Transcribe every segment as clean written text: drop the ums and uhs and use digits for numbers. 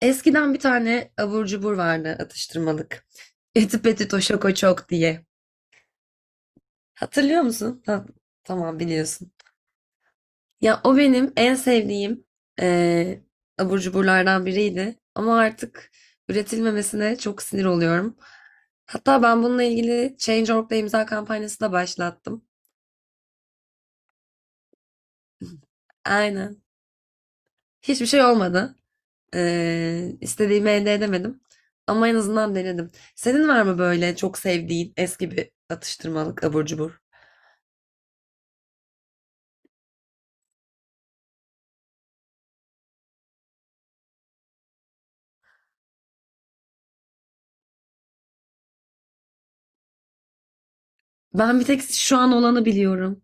Eskiden bir tane abur cubur vardı atıştırmalık. Eti Petit o Şoko Çok diye. Hatırlıyor musun? Ha, tamam biliyorsun. Ya o benim en sevdiğim eee abur cuburlardan biriydi. Ama artık üretilmemesine çok sinir oluyorum. Hatta ben bununla ilgili Change.org'da imza kampanyası da başlattım. Aynen. Hiçbir şey olmadı. İstediğimi elde edemedim. Ama en azından denedim. Senin var mı böyle çok sevdiğin eski bir atıştırmalık abur cubur? Ben bir tek şu an olanı biliyorum.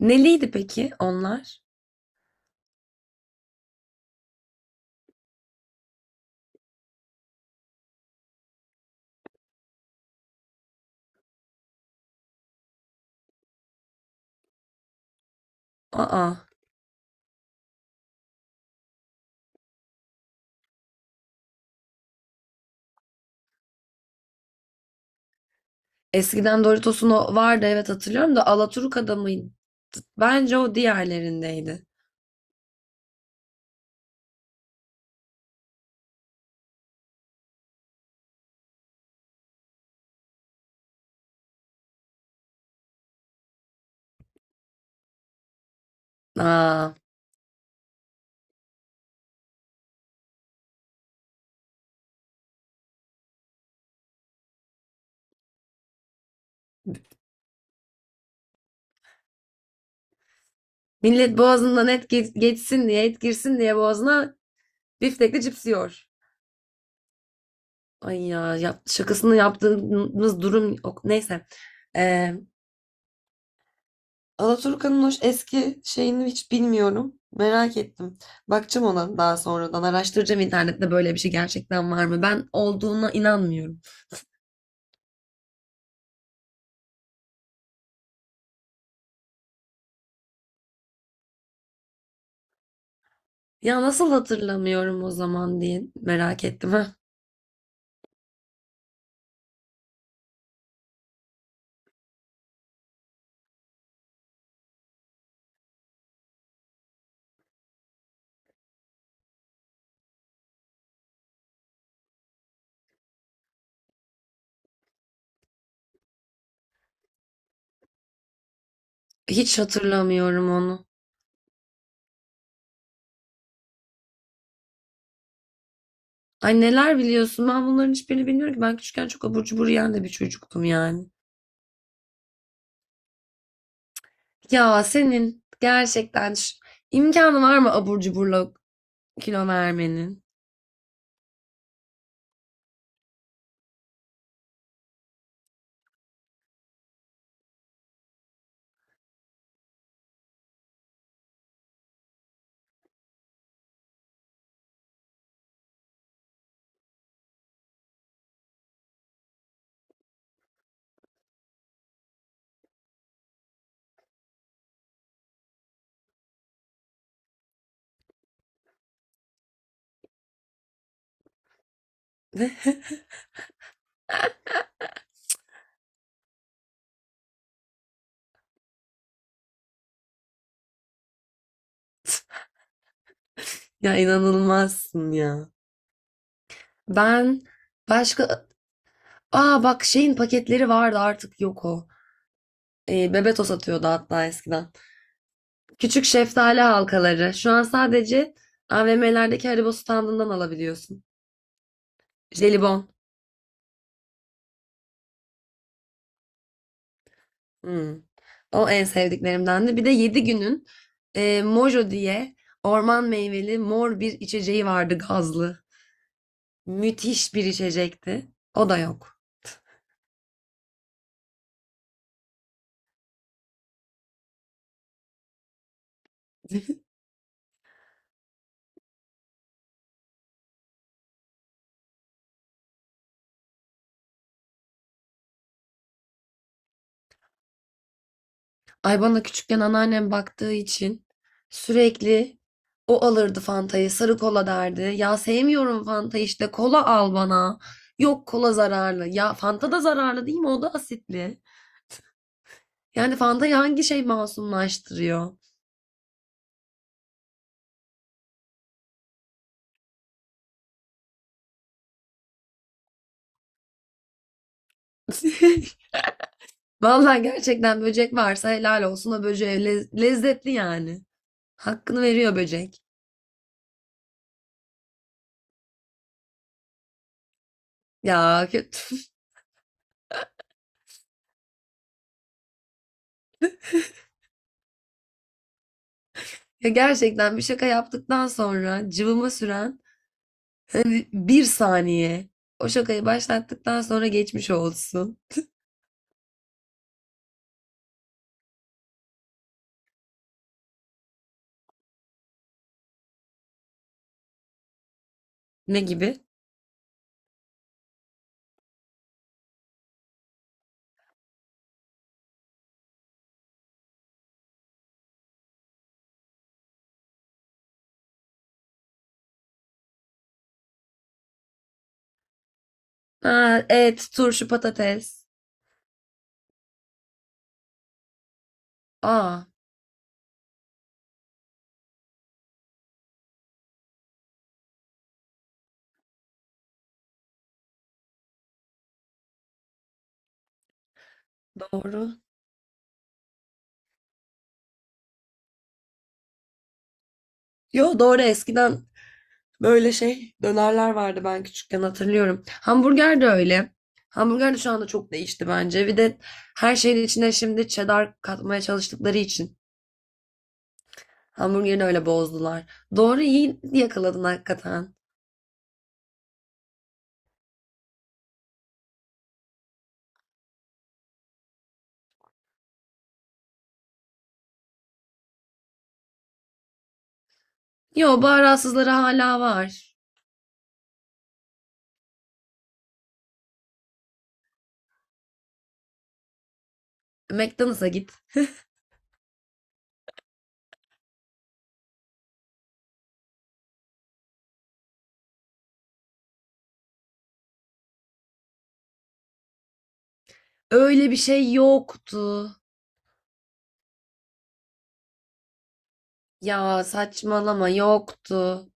Neliydi peki onlar? Aa. Eskiden Doritos'un o vardı, evet, hatırlıyorum da Alaturka'da mıydı? Bence o diğerlerindeydi. Aa, millet boğazından et geçsin diye, et girsin diye boğazına biftekli cips yiyor. Ay ya, şakasını yaptığımız durum yok. Neyse. Ee, Alaturka'nın o eski şeyini hiç bilmiyorum. Merak ettim. Bakacağım ona daha sonradan. Araştıracağım internette, böyle bir şey gerçekten var mı? Ben olduğuna inanmıyorum. Ya nasıl hatırlamıyorum o zaman diye merak ettim, ha. Hiç hatırlamıyorum onu. Ay, neler biliyorsun? Ben bunların hiçbirini bilmiyorum ki. Ben küçükken çok abur cubur yiyen de bir çocuktum yani. Ya senin gerçekten imkanı var mı abur cuburla kilo vermenin? Ya inanılmazsın ya. Ben başka... Aa bak, şeyin paketleri vardı, artık yok o. E, Bebeto satıyordu hatta eskiden. Küçük şeftali halkaları. Şu an sadece AVM'lerdeki Haribo standından alabiliyorsun. Jelibon. Hmm. O en sevdiklerimdendi. Bir de 7 günün Mojo diye orman meyveli mor bir içeceği vardı, gazlı. Müthiş bir içecekti. O da yok. Ay, bana küçükken anneannem baktığı için sürekli o alırdı Fanta'yı, sarı kola derdi. Ya sevmiyorum Fanta, işte kola al bana. Yok, kola zararlı. Ya Fanta da zararlı değil mi? O da asitli. Yani Fanta'yı hangi şey masumlaştırıyor? Vallahi gerçekten böcek varsa helal olsun o böceğe, lezzetli yani. Hakkını veriyor böcek. Ya kötü. Ya gerçekten bir şaka yaptıktan sonra cıvıma süren bir saniye. O şakayı başlattıktan sonra geçmiş olsun. Ne gibi? Ha, et, turşu, patates. Aa, doğru. Yo doğru, eskiden böyle şey dönerler vardı ben küçükken, hatırlıyorum. Hamburger de öyle. Hamburger de şu anda çok değişti bence. Bir de her şeyin içine şimdi cheddar katmaya çalıştıkları için hamburgeri öyle bozdular. Doğru, iyi yakaladın hakikaten. Yo, baharatsızları hala var. McDonald's'a git. Öyle bir şey yoktu. Ya saçmalama, yoktu.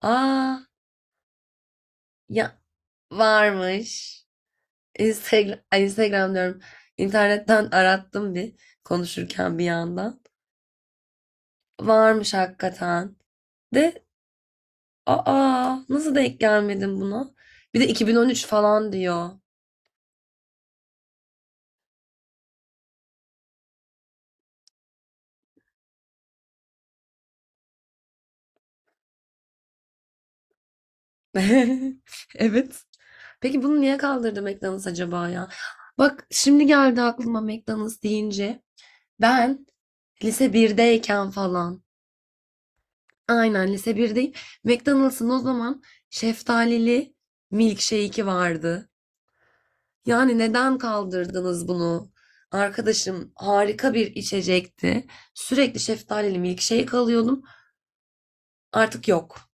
Aa ya, varmış. Instagram, ay, Instagram diyorum. İnternetten arattım bir, konuşurken bir yandan. Varmış hakikaten. De aa, nasıl denk gelmedim buna? Bir de 2013 falan diyor. Evet. Peki bunu niye kaldırdı McDonald's acaba ya? Bak, şimdi geldi aklıma McDonald's deyince. Ben lise birdeyken falan, aynen, lise 1'deyim. McDonald's'ın o zaman şeftalili milkshake'i vardı. Yani neden kaldırdınız bunu? Arkadaşım, harika bir içecekti. Sürekli şeftalili milkshake alıyordum. Artık yok.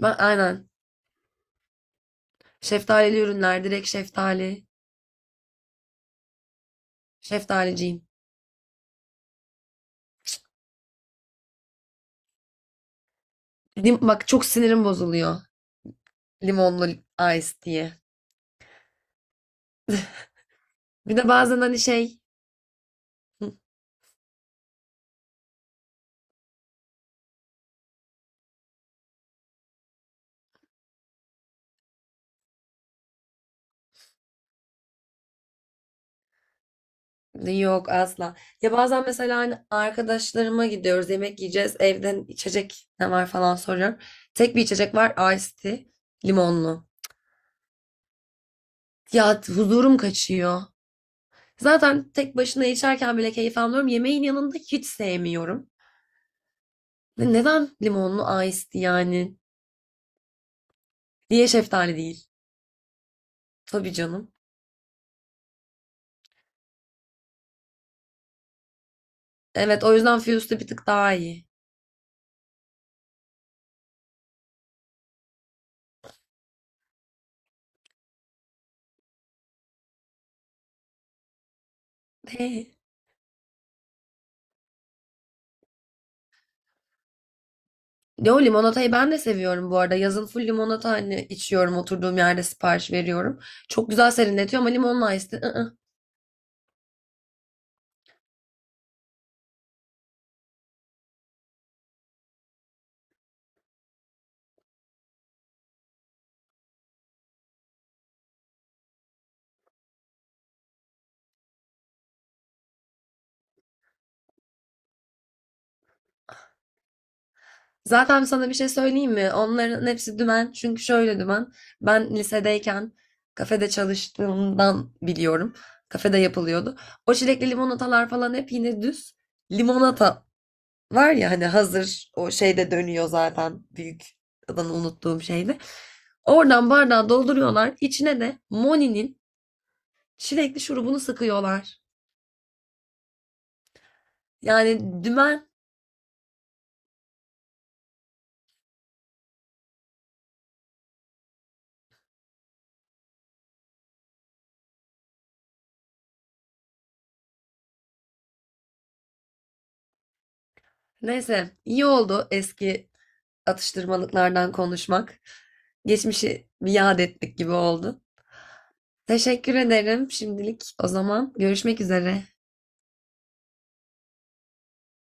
Ben aynen şeftalili ürünler, direkt şeftali. Şeftaliciyim. Lim- bak, çok sinirim bozuluyor. Limonlu ice diye. Bir de bazen hani şey, yok asla. Ya bazen mesela hani arkadaşlarıma gidiyoruz, yemek yiyeceğiz, evden içecek ne var falan soruyorum. Tek bir içecek var, iced tea limonlu. Ya huzurum kaçıyor. Zaten tek başına içerken bile keyif almıyorum. Yemeğin yanında hiç sevmiyorum. Neden limonlu iced tea yani? Niye şeftali değil? Tabii canım. Evet, o yüzden Fuse'da bir tık daha iyi. Yo, limonatayı ben de seviyorum bu arada. Yazın full limonata hani içiyorum, oturduğum yerde sipariş veriyorum. Çok güzel serinletiyor ama limonla ice tea, ı-ı. Zaten sana bir şey söyleyeyim mi? Onların hepsi dümen. Çünkü şöyle dümen. Ben lisedeyken kafede çalıştığımdan biliyorum. Kafede yapılıyordu. O çilekli limonatalar falan hep yine düz. Limonata var ya hani, hazır o şeyde dönüyor zaten. Büyük, adını unuttuğum şeyde. Oradan bardağı dolduruyorlar. İçine de Moni'nin çilekli şurubunu sıkıyorlar. Yani dümen. Neyse, iyi oldu eski atıştırmalıklardan konuşmak. Geçmişi bir yad ettik gibi oldu. Teşekkür ederim şimdilik. O zaman görüşmek üzere.